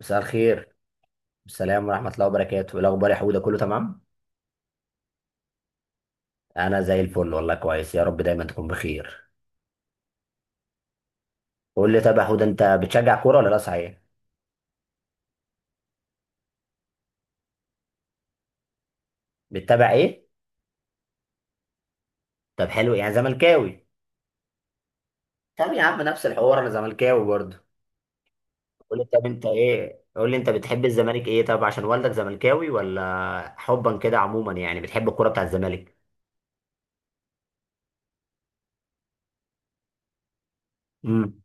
مساء الخير. السلام ورحمة الله وبركاته، إيه الأخبار يا حودة، كله تمام؟ أنا زي الفل والله، كويس يا رب دايما تكون بخير. قول لي طب يا حودة، أنت بتشجع كورة ولا لا صحيح؟ بتتابع إيه؟ طب حلو، يعني زملكاوي. طب يا عم نفس الحوار، أنا زملكاوي برضه. قول لي طب أنت إيه؟ قول لي أنت بتحب الزمالك إيه، طب عشان والدك زملكاوي ولا حبا كده، عموما يعني بتحب الكورة بتاع الزمالك؟ امم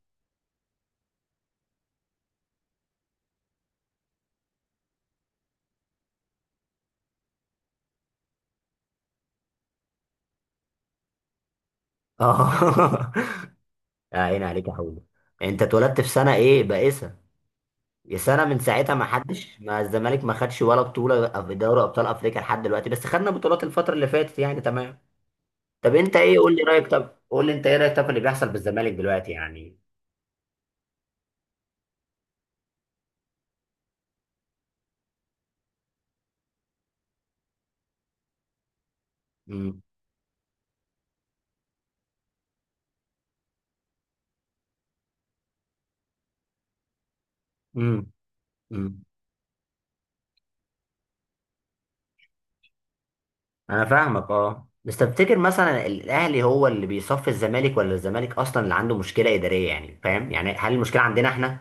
آه. عين عليك يا حودة. أنت اتولدت في سنة إيه بائسة، يا سنة من ساعتها ما حدش، ما الزمالك ما خدش ولا بطولة في دوري أبطال أفريقيا لحد دلوقتي، بس خدنا بطولات الفترة اللي فاتت يعني، تمام. طب أنت إيه، قول لي رأيك، طب قول لي أنت إيه رأيك طب في اللي بيحصل بالزمالك دلوقتي يعني. امم امم امم أنا فاهمك، أه بس تفتكر مثلا الأهلي هو اللي بيصفي الزمالك ولا الزمالك أصلا اللي عنده مشكلة إدارية؟ يعني فاهم، يعني هل المشكلة عندنا إحنا؟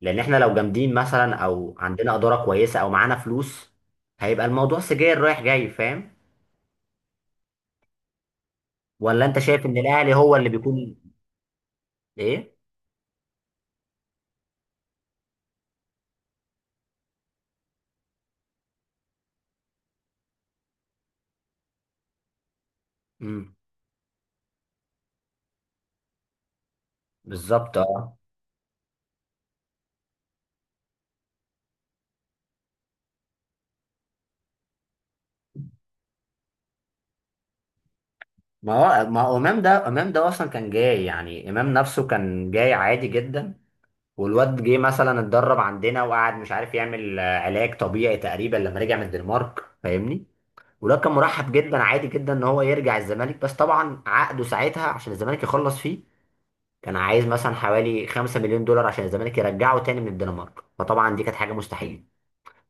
لأن إحنا لو جامدين مثلا أو عندنا إدارة كويسة أو معانا فلوس، هيبقى الموضوع سجاير رايح جاي، فاهم؟ ولا انت شايف ان الاهلي هو اللي بيكون؟ ايه. امم. بالظبط، اه. ما ما هو امام ده اصلا كان جاي، يعني امام نفسه كان جاي عادي جدا. والواد جه مثلا اتدرب عندنا وقعد مش عارف يعمل علاج طبيعي تقريبا، لما رجع من الدنمارك فاهمني. والواد كان مرحب جدا عادي جدا ان هو يرجع الزمالك، بس طبعا عقده ساعتها عشان الزمالك يخلص فيه، كان عايز مثلا حوالي 5 مليون دولار عشان الزمالك يرجعه تاني من الدنمارك، فطبعا دي كانت حاجة مستحيلة،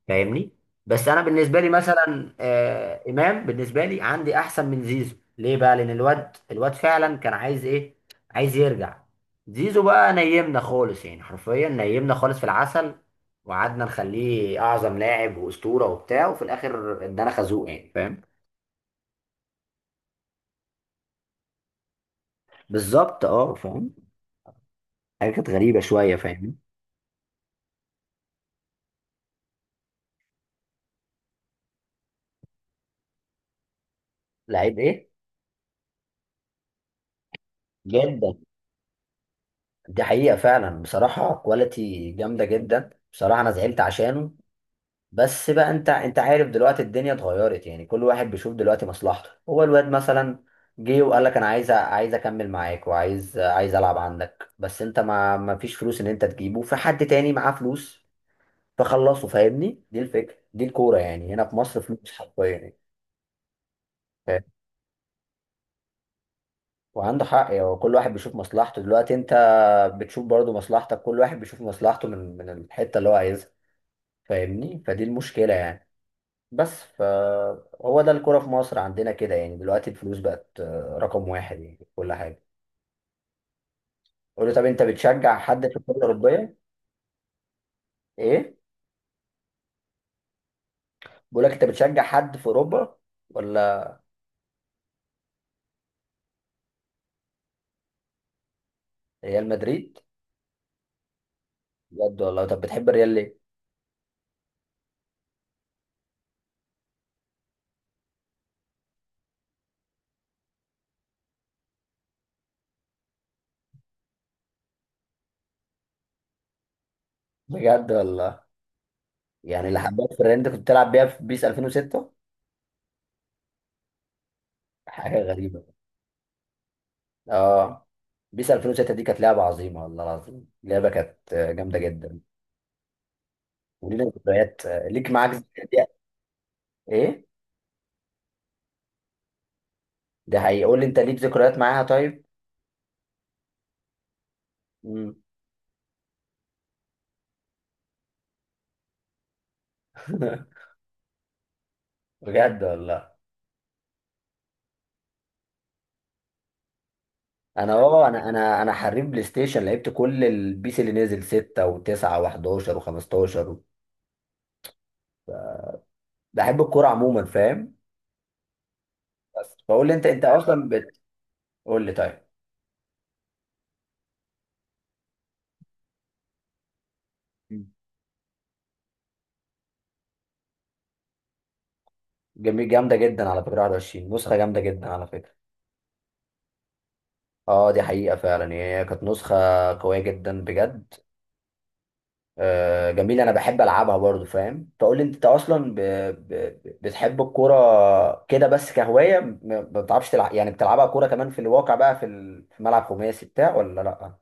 فاهمني. بس انا بالنسبه لي مثلا امام بالنسبه لي عندي احسن من زيزو. ليه بقى؟ لان الواد فعلا كان عايز ايه، عايز يرجع. زيزو بقى نيمنا خالص، يعني حرفيا نيمنا خالص في العسل، وقعدنا نخليه اعظم لاعب واسطوره وبتاع، وفي الاخر ادانا خازوق يعني فاهم. بالظبط، اه فاهم. حاجه كانت غريبه شويه فاهم. لعيب ايه؟ جدا. دي حقيقه فعلا بصراحه، كواليتي جامده جدا بصراحه، انا زعلت عشانه. بس بقى انت عارف دلوقتي الدنيا اتغيرت، يعني كل واحد بيشوف دلوقتي مصلحته. هو الواد مثلا جه وقال لك انا عايز عايز اكمل معاك، وعايز العب عندك، بس انت ما فيش فلوس ان انت تجيبه، في حد تاني معاه فلوس فخلصه، فاهمني. دي الفكره، دي الكوره يعني هنا في مصر فلوس حرفيا يعني. فاهم؟ وعنده حق يعني كل واحد بيشوف مصلحته دلوقتي. انت بتشوف برضو مصلحتك، كل واحد بيشوف مصلحته من الحته اللي هو عايزها، فاهمني. فدي المشكله يعني. بس فهو ده الكرة في مصر عندنا كده يعني، دلوقتي الفلوس بقت رقم واحد يعني في كل حاجة. قول لي طب انت بتشجع حد في الكرة الأوروبية؟ ايه؟ بقول لك انت بتشجع حد في أوروبا ولا؟ ريال مدريد؟ بجد والله، طب بتحب الريال ليه؟ بجد والله، يعني اللي حبيت في الريال انت كنت بتلعب بيها في بيس 2006؟ حاجة غريبة، اه. بيس 2006 دي كانت لعبة عظيمة، والله العظيم لعبة كانت جامدة جدا. ولينا ذكريات، ليك معاك ذكريات. ايه؟ ده حقيقي، قول لي انت ليك ذكريات معاها طيب؟ بجد والله. انا اه انا انا انا حريف بلاي ستيشن، لعبت كل البيس اللي نزل 6 و9 و11 و15 و... بحب الكوره عموما، فاهم. بس بقول لي انت اصلا بتقول لي طيب جميل، جامده جدا على فكره 21، نسخه جامده جدا على فكره. اه دي حقيقه فعلا يعني، هي كانت نسخه قويه جدا بجد. جميل، انا بحب العبها برضو فاهم. فقول لي انت اصلا بتحب الكوره كده بس كهوايه، ما بتعرفش تلعب؟ يعني بتلعبها كوره كمان في الواقع بقى في في ملعب خماسي بتاع ولا لا؟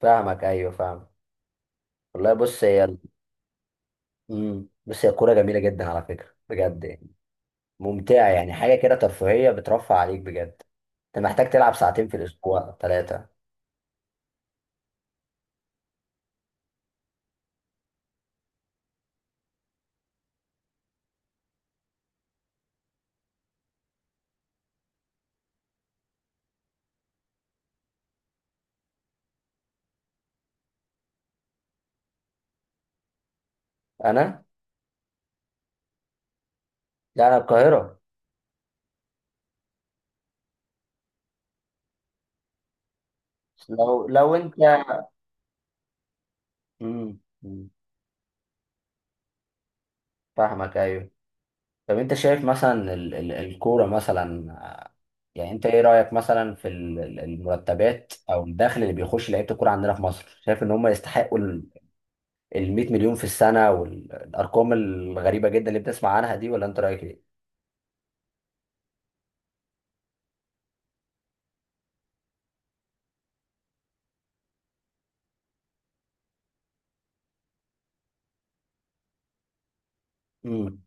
فاهمك، ايوه فاهم. والله بص هي بص هي الكوره جميله جدا على فكره بجد يعني، ممتعه يعني، حاجه كده ترفيهيه بترفع عليك بجد. انت محتاج تلعب ساعتين في الاسبوع، ثلاثه. انا لا، انا القاهره. لو انت. مم. مم. فاهمك ايوه. طب انت شايف مثلا الكورة مثلا يعني انت ايه رأيك مثلا في المرتبات او الدخل اللي بيخش لعيبة الكورة عندنا في مصر، شايف ان هم يستحقوا ال 100 مليون في السنة والارقام الغريبة جدا اللي بتسمع عنها دي، ولا انت رأيك ايه؟ امم.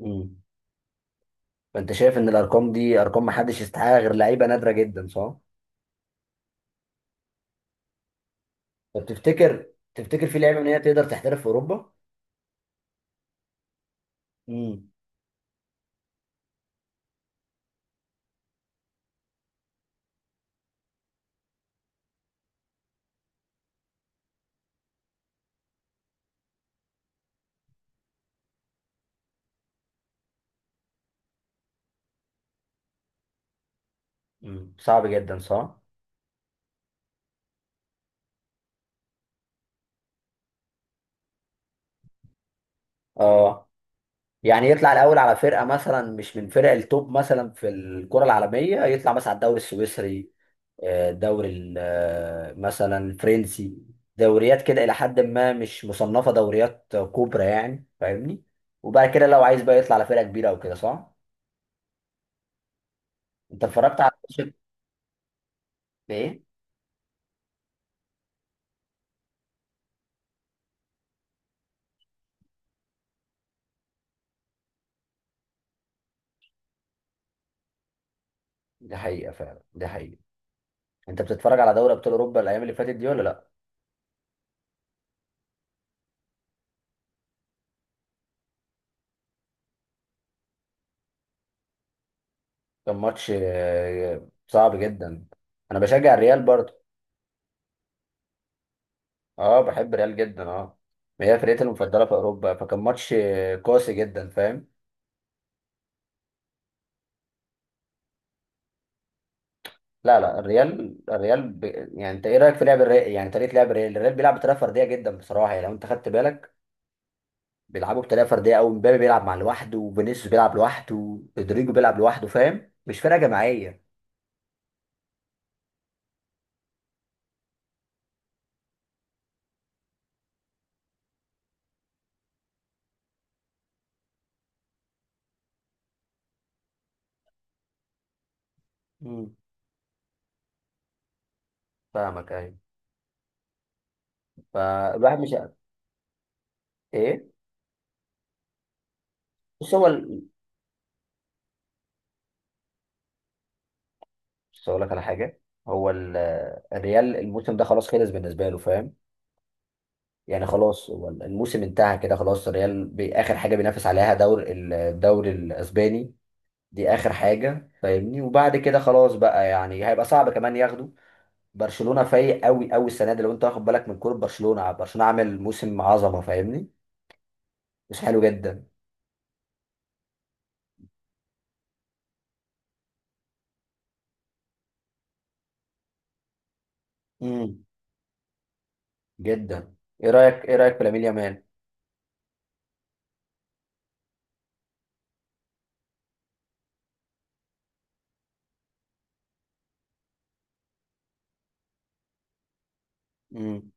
امم. فانت شايف ان الارقام دي ارقام محدش يستحقها غير لعيبة نادرة جدا، صح؟ طب تفتكر، تفتكر في لعيبة ان هي تقدر تحترف في اوروبا؟ امم. امم. صعب جدا، صح. اه يعني يطلع الاول على فرقه مثلا مش من فرق التوب مثلا في الكره العالميه، يطلع مثلا على الدوري السويسري، الدوري مثلا الفرنسي. دوريات كده الى حد ما مش مصنفه دوريات كبرى يعني، فاهمني. وبعد كده لو عايز بقى يطلع على فرقه كبيره او كده، صح. انت اتفرجت على ماتش؟ ايه. دي حقيقه فعلا، دي حقيقه. انت بتتفرج على دوري ابطال اوروبا الايام اللي فاتت دي ولا لا؟ كان ماتش صعب جدا. انا بشجع الريال برضه اه، بحب ريال جدا اه. هي فرقتي المفضله في اوروبا، فكان ماتش قاسي جدا فاهم. لا لا، الريال الريال يعني انت ايه رايك في لعب الريال؟ يعني طريقه لعب الريال، الريال بيلعب بطريقه فرديه جدا بصراحه. يعني لو انت خدت بالك، بيلعبوا بطريقه فرديه قوي. مبابي بيلعب مع لوحده، وفينيسيوس بيلعب لوحده، رودريجو بيلعب لوحده، فاهم، مش فرقه جماعيه. امم. فاهمك ايوه. فالواحد مش، ايه. بص هو بص اقول لك على حاجه. هو الريال الموسم ده خلاص خلص بالنسبه له فاهم، يعني خلاص هو الموسم انتهى كده خلاص. الريال اخر حاجه بينافس عليها دور الدوري الاسباني، دي اخر حاجه فاهمني. وبعد كده خلاص بقى يعني هيبقى صعب كمان ياخده. برشلونه فايق قوي قوي السنه دي، لو انت واخد بالك من كوره برشلونه، برشلونه عامل موسم عظمه فاهمني، مش حلو جدا. امم. جدا. ايه رايك، ايه رايك في لامين يامال؟ امم.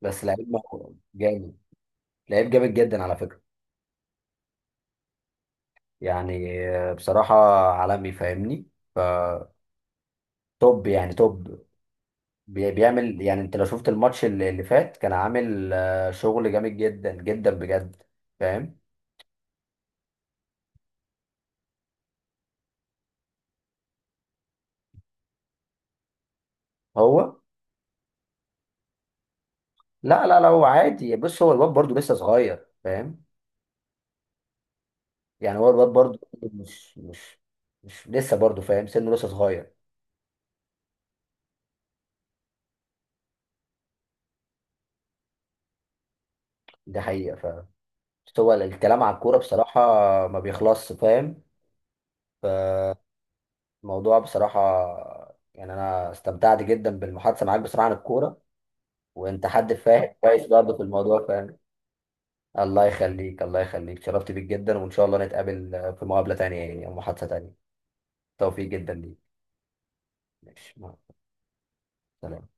بس لعيب جامد، لعيب جامد جدا على فكره. يعني بصراحه عالمي فاهمني. ف توب يعني، توب. بيعمل يعني انت لو شفت الماتش اللي فات، كان عامل شغل جامد جدا جدا بجد فاهم. هو لا لا لا، هو عادي. بص هو الواد برضه لسه صغير فاهم، يعني هو الواد برضه مش لسه برضه فاهم سنه، لسه صغير. دي حقيقة. ف بس هو الكلام على الكورة بصراحة ما بيخلصش فاهم. فالموضوع بصراحة يعني، أنا استمتعت جدا بالمحادثة معاك بصراحة عن الكورة، وأنت حد فاهم كويس برضه في الموضوع فاهم. الله يخليك، الله يخليك، شرفت بيك جدا. وإن شاء الله نتقابل في مقابلة تانية يعني، أو محادثة تانية. توفيق جدا ليك. ماشي، مع السلامة.